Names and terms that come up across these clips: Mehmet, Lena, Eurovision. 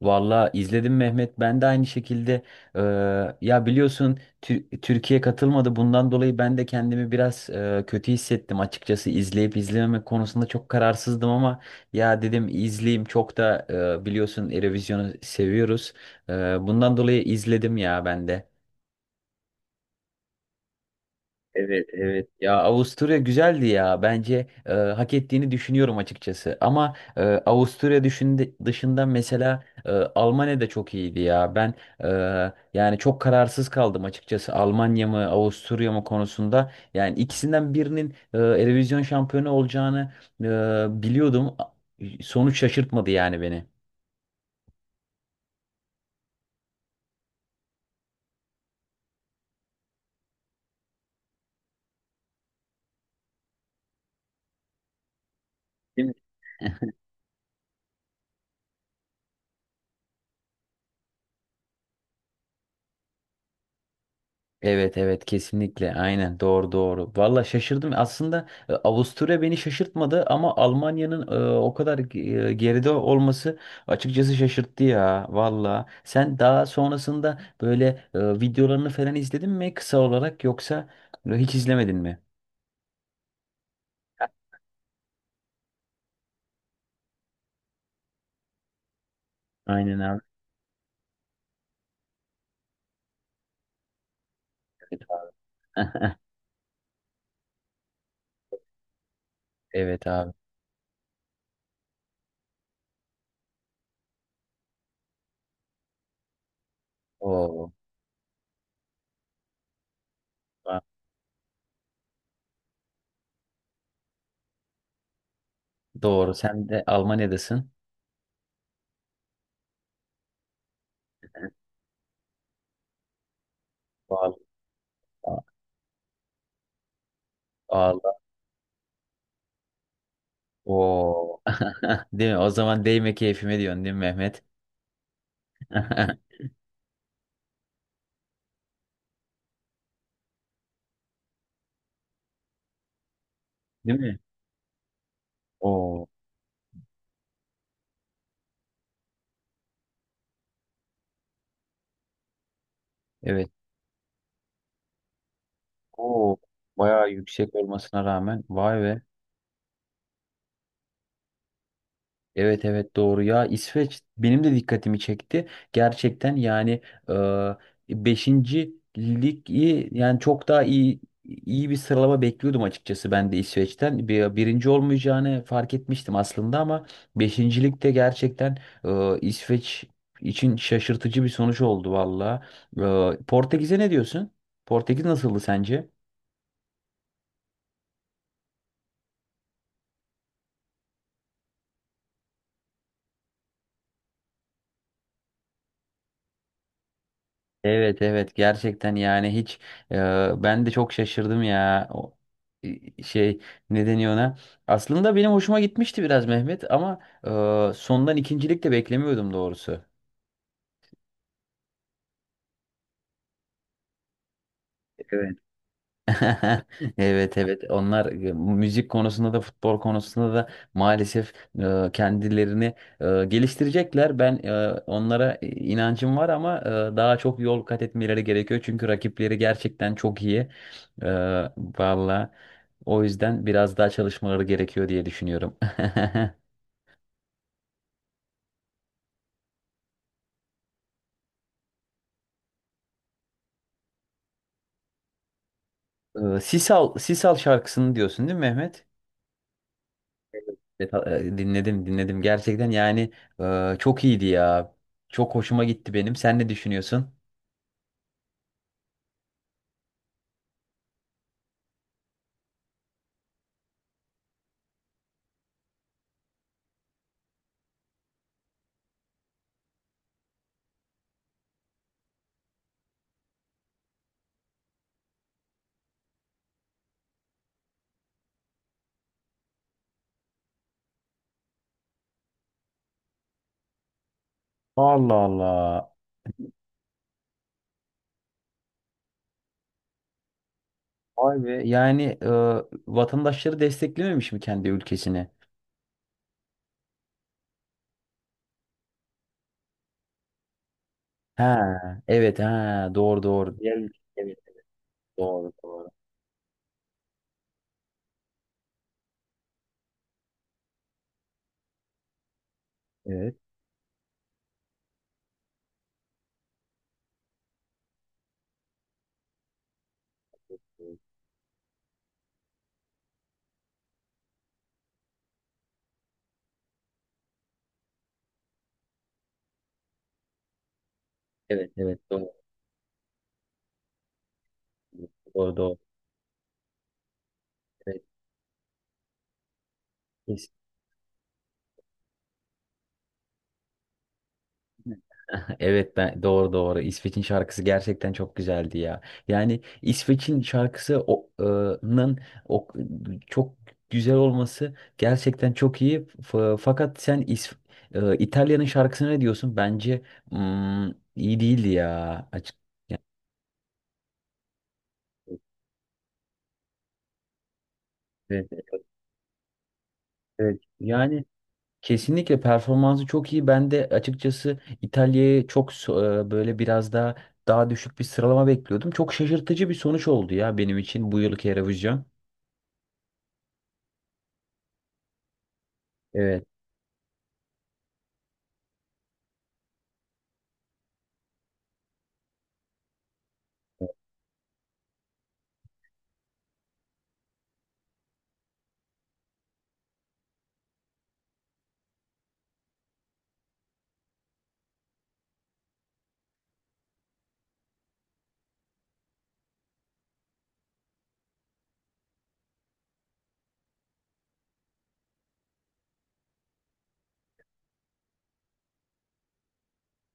Valla izledim Mehmet. Ben de aynı şekilde e, ya biliyorsun Türkiye katılmadı. Bundan dolayı ben de kendimi biraz kötü hissettim açıkçası. İzleyip izlememek konusunda çok kararsızdım ama ya dedim izleyeyim. Çok da biliyorsun Eurovision'u seviyoruz. E, Bundan dolayı izledim ya ben de. Evet evet, ya Avusturya güzeldi ya, bence hak ettiğini düşünüyorum açıkçası ama Avusturya dışında mesela Almanya da çok iyiydi ya ben, e, yani çok kararsız kaldım açıkçası, Almanya mı Avusturya mı konusunda. Yani ikisinden birinin Eurovision şampiyonu olacağını e, biliyordum, sonuç şaşırtmadı yani beni. Evet evet, kesinlikle, aynen, doğru. Valla şaşırdım aslında, Avusturya beni şaşırtmadı ama Almanya'nın o kadar geride olması açıkçası şaşırttı ya valla. Sen daha sonrasında böyle videolarını falan izledin mi kısa olarak, yoksa hiç izlemedin mi? Aynen abi. Evet abi. Evet abi. Oo. va- Doğru, sen de Almanya'dasın. Vallahi. Vallahi. Oo. Değil mi? O zaman değme keyfime diyorsun değil mi Mehmet? Değil mi? Oo, evet. Oo, bayağı yüksek olmasına rağmen vay be. Evet evet doğru ya, İsveç benim de dikkatimi çekti. Gerçekten yani 5. lig iyi, yani çok daha iyi bir sıralama bekliyordum açıkçası ben de İsveç'ten. Birinci olmayacağını fark etmiştim aslında ama 5. ligde gerçekten İsveç için şaşırtıcı bir sonuç oldu valla. Portekiz'e ne diyorsun? Portekiz nasıldı sence? Evet evet gerçekten, yani hiç, ben de çok şaşırdım ya. O şey, ne deniyor ona. Aslında benim hoşuma gitmişti biraz Mehmet ama sondan ikincilik de beklemiyordum doğrusu. Evet. Evet evet, onlar müzik konusunda da futbol konusunda da maalesef kendilerini geliştirecekler. Ben onlara inancım var ama daha çok yol kat etmeleri gerekiyor. Çünkü rakipleri gerçekten çok iyi. E, valla, o yüzden biraz daha çalışmaları gerekiyor diye düşünüyorum. E, Sisal şarkısını diyorsun değil mi Mehmet? Evet, dinledim dinledim, gerçekten yani çok iyiydi ya. Çok hoşuma gitti benim. Sen ne düşünüyorsun? Allah Allah. Vay be. Yani vatandaşları desteklememiş mi kendi ülkesini? Ha, evet, ha, doğru. Evet, doğru. Evet. Evet evet doğru. Doğru. Evet. Evet ben, doğru. İsveç'in şarkısı gerçekten çok güzeldi ya. Yani İsveç'in şarkısı nın o, çok güzel olması gerçekten çok iyi. Fakat sen İtalya'nın şarkısına ne diyorsun? Bence mm, iyi değildi ya. Açık. Yani, evet, evet. Yani kesinlikle performansı çok iyi. Ben de açıkçası İtalya'yı çok böyle biraz daha düşük bir sıralama bekliyordum. Çok şaşırtıcı bir sonuç oldu ya benim için bu yılki Eurovision. Evet.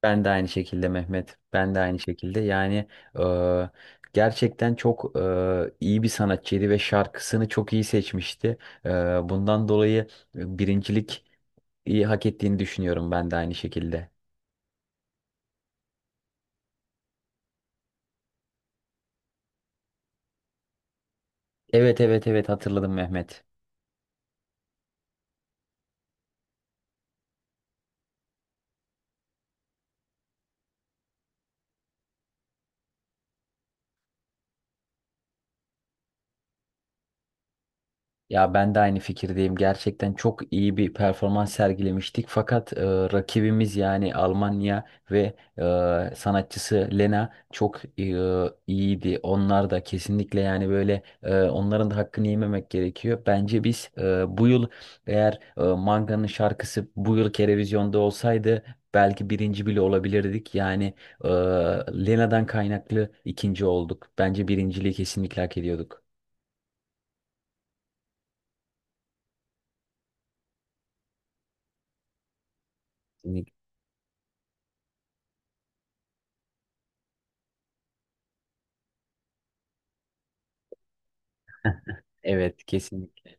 Ben de aynı şekilde Mehmet. Ben de aynı şekilde. Yani e, gerçekten çok iyi bir sanatçıydı ve şarkısını çok iyi seçmişti. E, bundan dolayı birincilik iyi hak ettiğini düşünüyorum ben de aynı şekilde. Evet evet evet hatırladım Mehmet. Ya ben de aynı fikirdeyim. Gerçekten çok iyi bir performans sergilemiştik. Fakat rakibimiz yani Almanya ve sanatçısı Lena çok iyiydi. Onlar da kesinlikle, yani böyle, onların da hakkını yememek gerekiyor. Bence biz bu yıl, eğer Manga'nın şarkısı bu yıl televizyonda olsaydı belki birinci bile olabilirdik. Yani e, Lena'dan kaynaklı ikinci olduk. Bence birinciliği kesinlikle hak ediyorduk. Kesinlikle. Evet kesinlikle.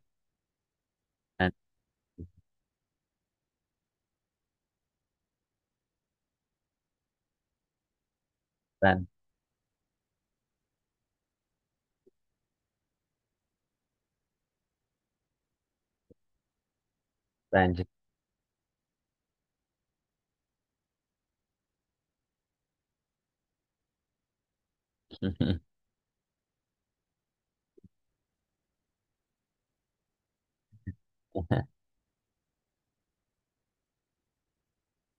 Ben bence.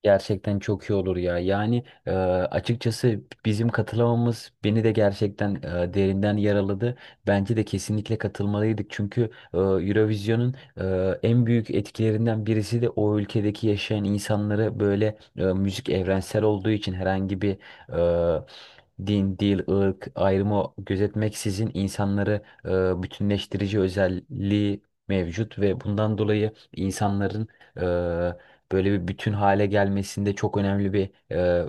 Gerçekten çok iyi olur ya. Yani açıkçası bizim katılamamız beni de gerçekten derinden yaraladı. Bence de kesinlikle katılmalıydık. Çünkü Eurovision'un en büyük etkilerinden birisi de o ülkedeki yaşayan insanları, böyle müzik evrensel olduğu için herhangi bir e, din, dil, ırk ayrımı gözetmeksizin insanları bütünleştirici özelliği mevcut ve bundan dolayı insanların böyle bir bütün hale gelmesinde çok önemli bir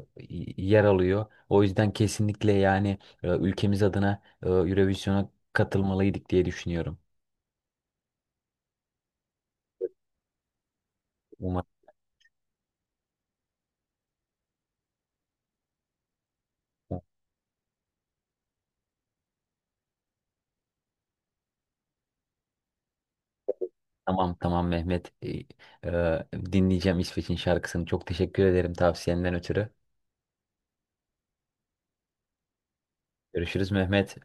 yer alıyor. O yüzden kesinlikle, yani ülkemiz adına Eurovision'a katılmalıydık diye düşünüyorum. Umarım. Tamam tamam Mehmet. E, dinleyeceğim İsveç'in şarkısını. Çok teşekkür ederim tavsiyenden ötürü. Görüşürüz Mehmet.